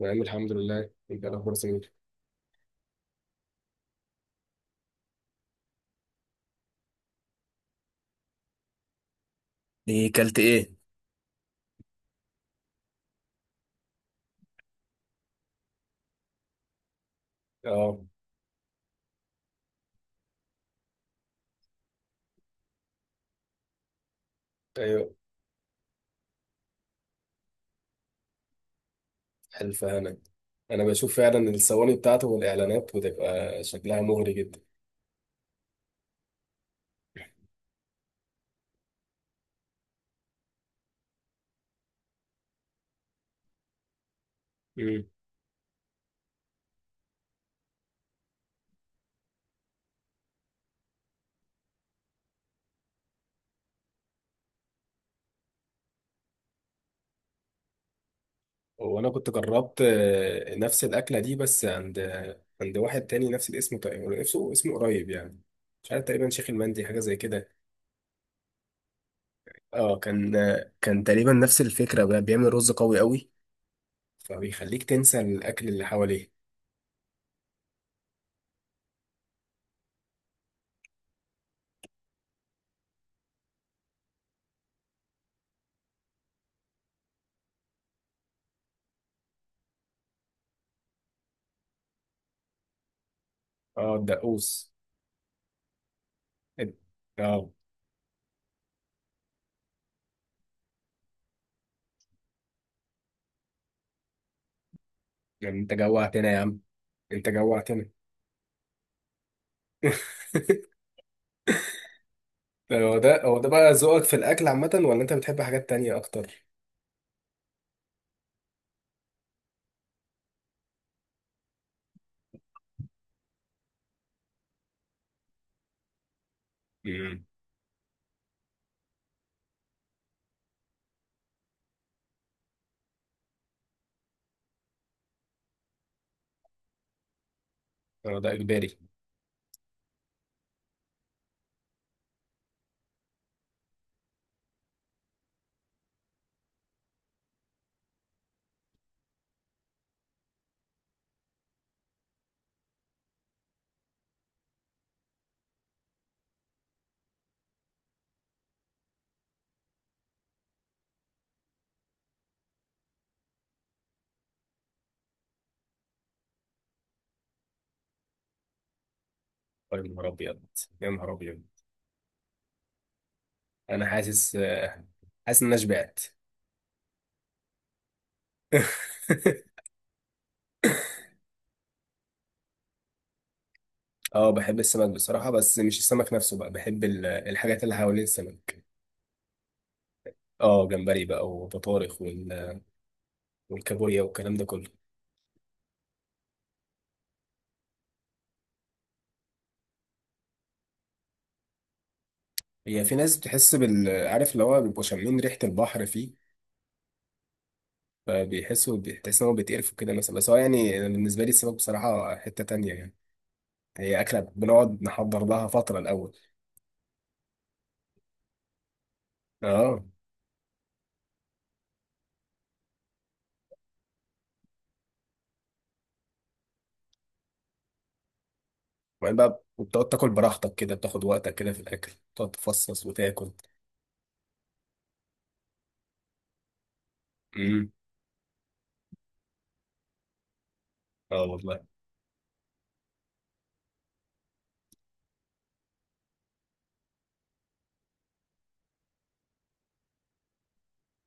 نعم، الحمد لله. انت الاخبار سمير؟ ايه كلت ايه؟ اه. ايوه، الف هنا. انا بشوف فعلا الثواني بتاعته والاعلانات بتبقى شكلها مغري جدا. امم. وانا كنت جربت نفس الاكله دي، بس عند واحد تاني نفس الاسم تقريبا، نفسه اسمه قريب يعني. مش عارف، تقريبا شيخ المندي حاجه زي كده. اه، كان تقريبا نفس الفكرة بقى، بيعمل رز قوي قوي. فبيخليك تنسى الاكل اللي حواليه. اه، الدقوس. اه. يعني انت جوعتنا يا عم. انت جوعتنا. هو ده بقى ذوقك في الاكل عامه، ولا انت بتحب حاجات تانية اكتر؟ امم. هو ده اجباري. يا نهار ابيض. يا نهار ابيض. انا حاسس ان انا شبعت. اه، بحب السمك بصراحه، بس مش السمك نفسه بقى، بحب الحاجات اللي حوالين السمك. اه، جمبري بقى، وبطارخ، والكابوريا والكلام ده كله. هي في ناس بتحس بال، عارف، اللي هو بيبقوا شامين ريحه البحر فيه. فبيحسوا، بتحس إن هو بيتقرفوا كده مثلا. بس هو يعني، أنا بالنسبة لي السمك بصراحة حتة تانية يعني. هي أكلة بنقعد نحضر لها فترة الأول. أه. وبعدين بقى بتقعد تاكل براحتك كده، بتاخد وقتك كده في الأكل، تقعد تفصص وتاكل. امم. اه والله.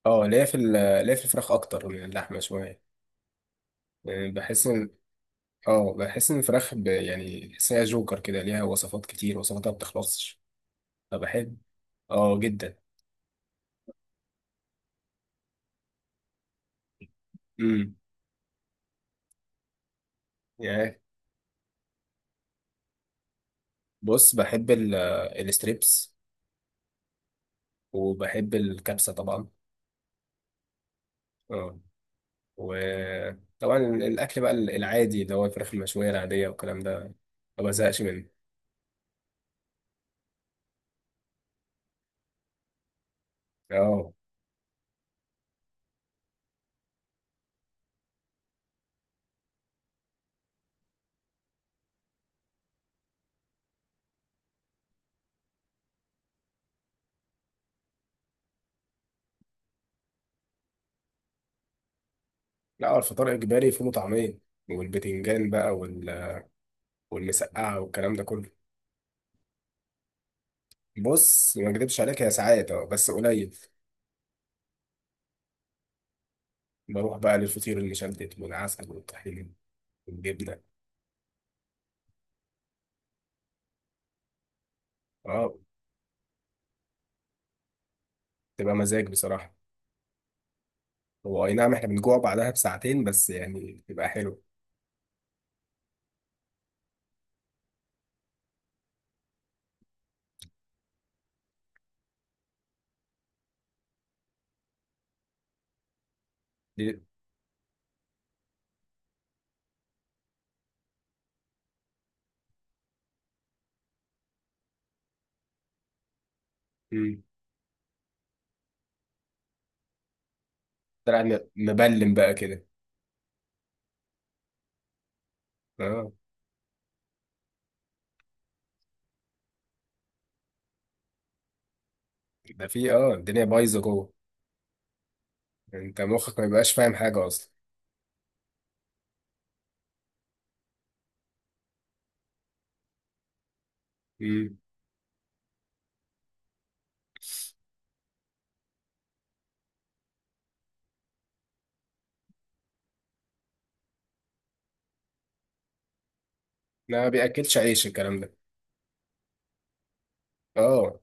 اه، ليا في الفراخ أكتر من اللحمة شوية. يعني بحس إن اه بحس إن الفراخ يعني بحس إن هي جوكر كده، ليها وصفات كتير، وصفاتها ما بتخلصش. فبحب. اه جدا. امم. يعني، بص، بحب الستريبس. وبحب الكبسة طبعا. اه. وطبعا الأكل بقى العادي، اللي هو الفراخ المشوية العادية والكلام ده. ما بزهقش منه. اه لا، هو الفطار إجباري، فول وطعمية، والبتنجان بقى والمسقعة والكلام ده كله. بص، ما اكدبش عليك، هي ساعات اه بس قليل. بروح بقى للفطير المشلتت والعسل والطحينة. والجبنة. اه، تبقى مزاج بصراحة. هو أي نعم، احنا بنجوع بعدها بساعتين، بس يعني بيبقى حلو. دي- مم. طلع مبلم بقى كده. اه، ده في الدنيا بايظه جوه. انت مخك ما بيبقاش فاهم حاجه اصلا. امم. ما بياكلش عيش الكلام ده. اه.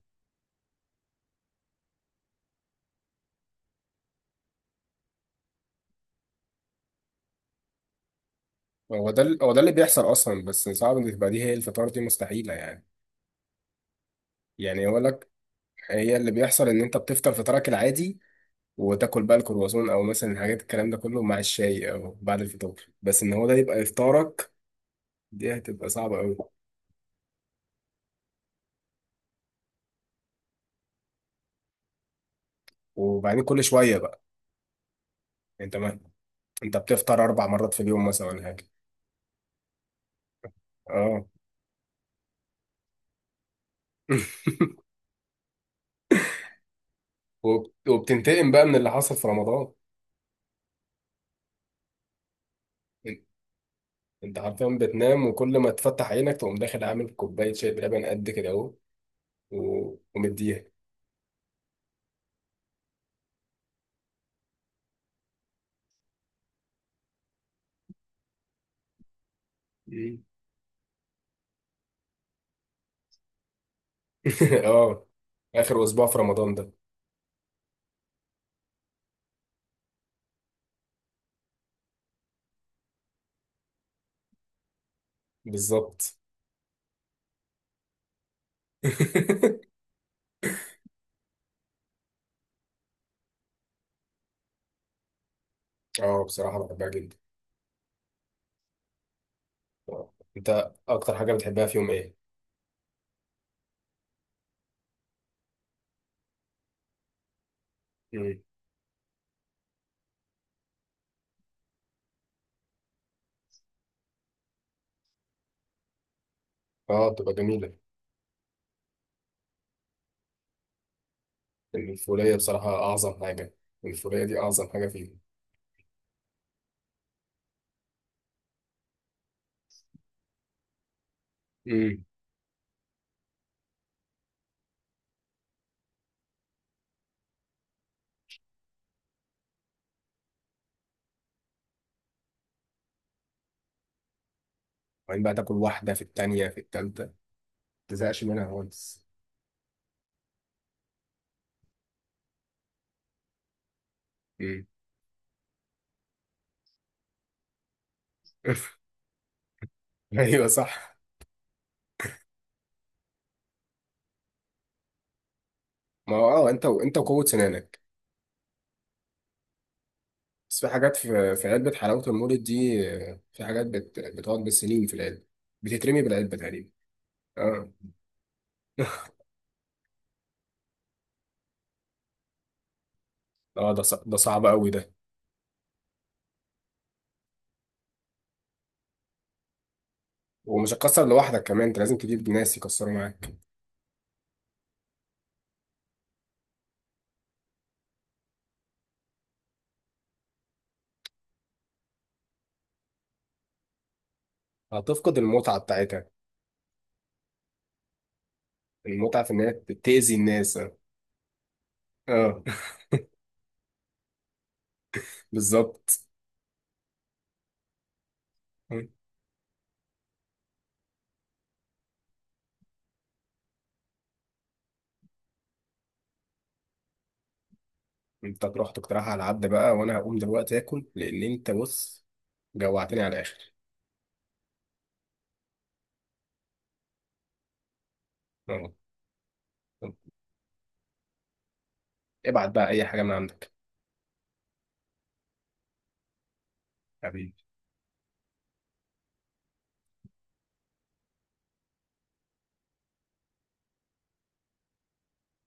هو ده اللي بيحصل اصلا. بس صعب ان تبقى دي هي الفطار، دي مستحيله يعني. يعني يقول لك، هي اللي بيحصل ان انت بتفطر فطارك العادي، وتاكل بقى الكرواسون او مثلا الحاجات الكلام ده كله مع الشاي او بعد الفطار، بس ان هو ده يبقى افطارك. دي هتبقى صعبه قوي. وبعدين كل شويه بقى. انت ما انت بتفطر اربع مرات في اليوم مثلا ولا حاجه؟ اه. وبتنتقم بقى من اللي حصل في رمضان. انت عارفين بتنام، وكل ما تفتح عينك تقوم داخل عامل كوبايه شاي بلبن قد كده اهو، ومديها. إيه؟ اه، اخر اسبوع في رمضان ده. بالظبط. اه، بصراحه بحبها جدا. آه. انت اكتر حاجه بتحبها في يوم ايه؟ مم. اه، بتبقى جميله. الفوليه بصراحه اعظم حاجه. الفوليه دي اعظم حاجه فيهم. امم. وبعدين بقى تاكل واحده في التانيه في التالته ما تزهقش منها خالص. مم. ايوه، صح. ما هو انت وقوه سنانك. بس في حاجات في علبة حلاوة المولد دي، في حاجات بتقعد بالسنين في العلبة. بتترمي بالعلبة تقريبا. اه. اه، ده صعب قوي ده. ومش هتكسر لوحدك كمان، انت لازم تجيب ناس يكسروا معاك. هتفقد المتعة بتاعتها. المتعة في ان هي تأذي الناس اه. آه. بالظبط. م. انت تروح تقترحها على العبد بقى، وانا هقوم دلوقتي اكل لان انت بص جوعتني على الاخر. آه. آه. ابعت بقى اي حاجة من عندك. حبيبي.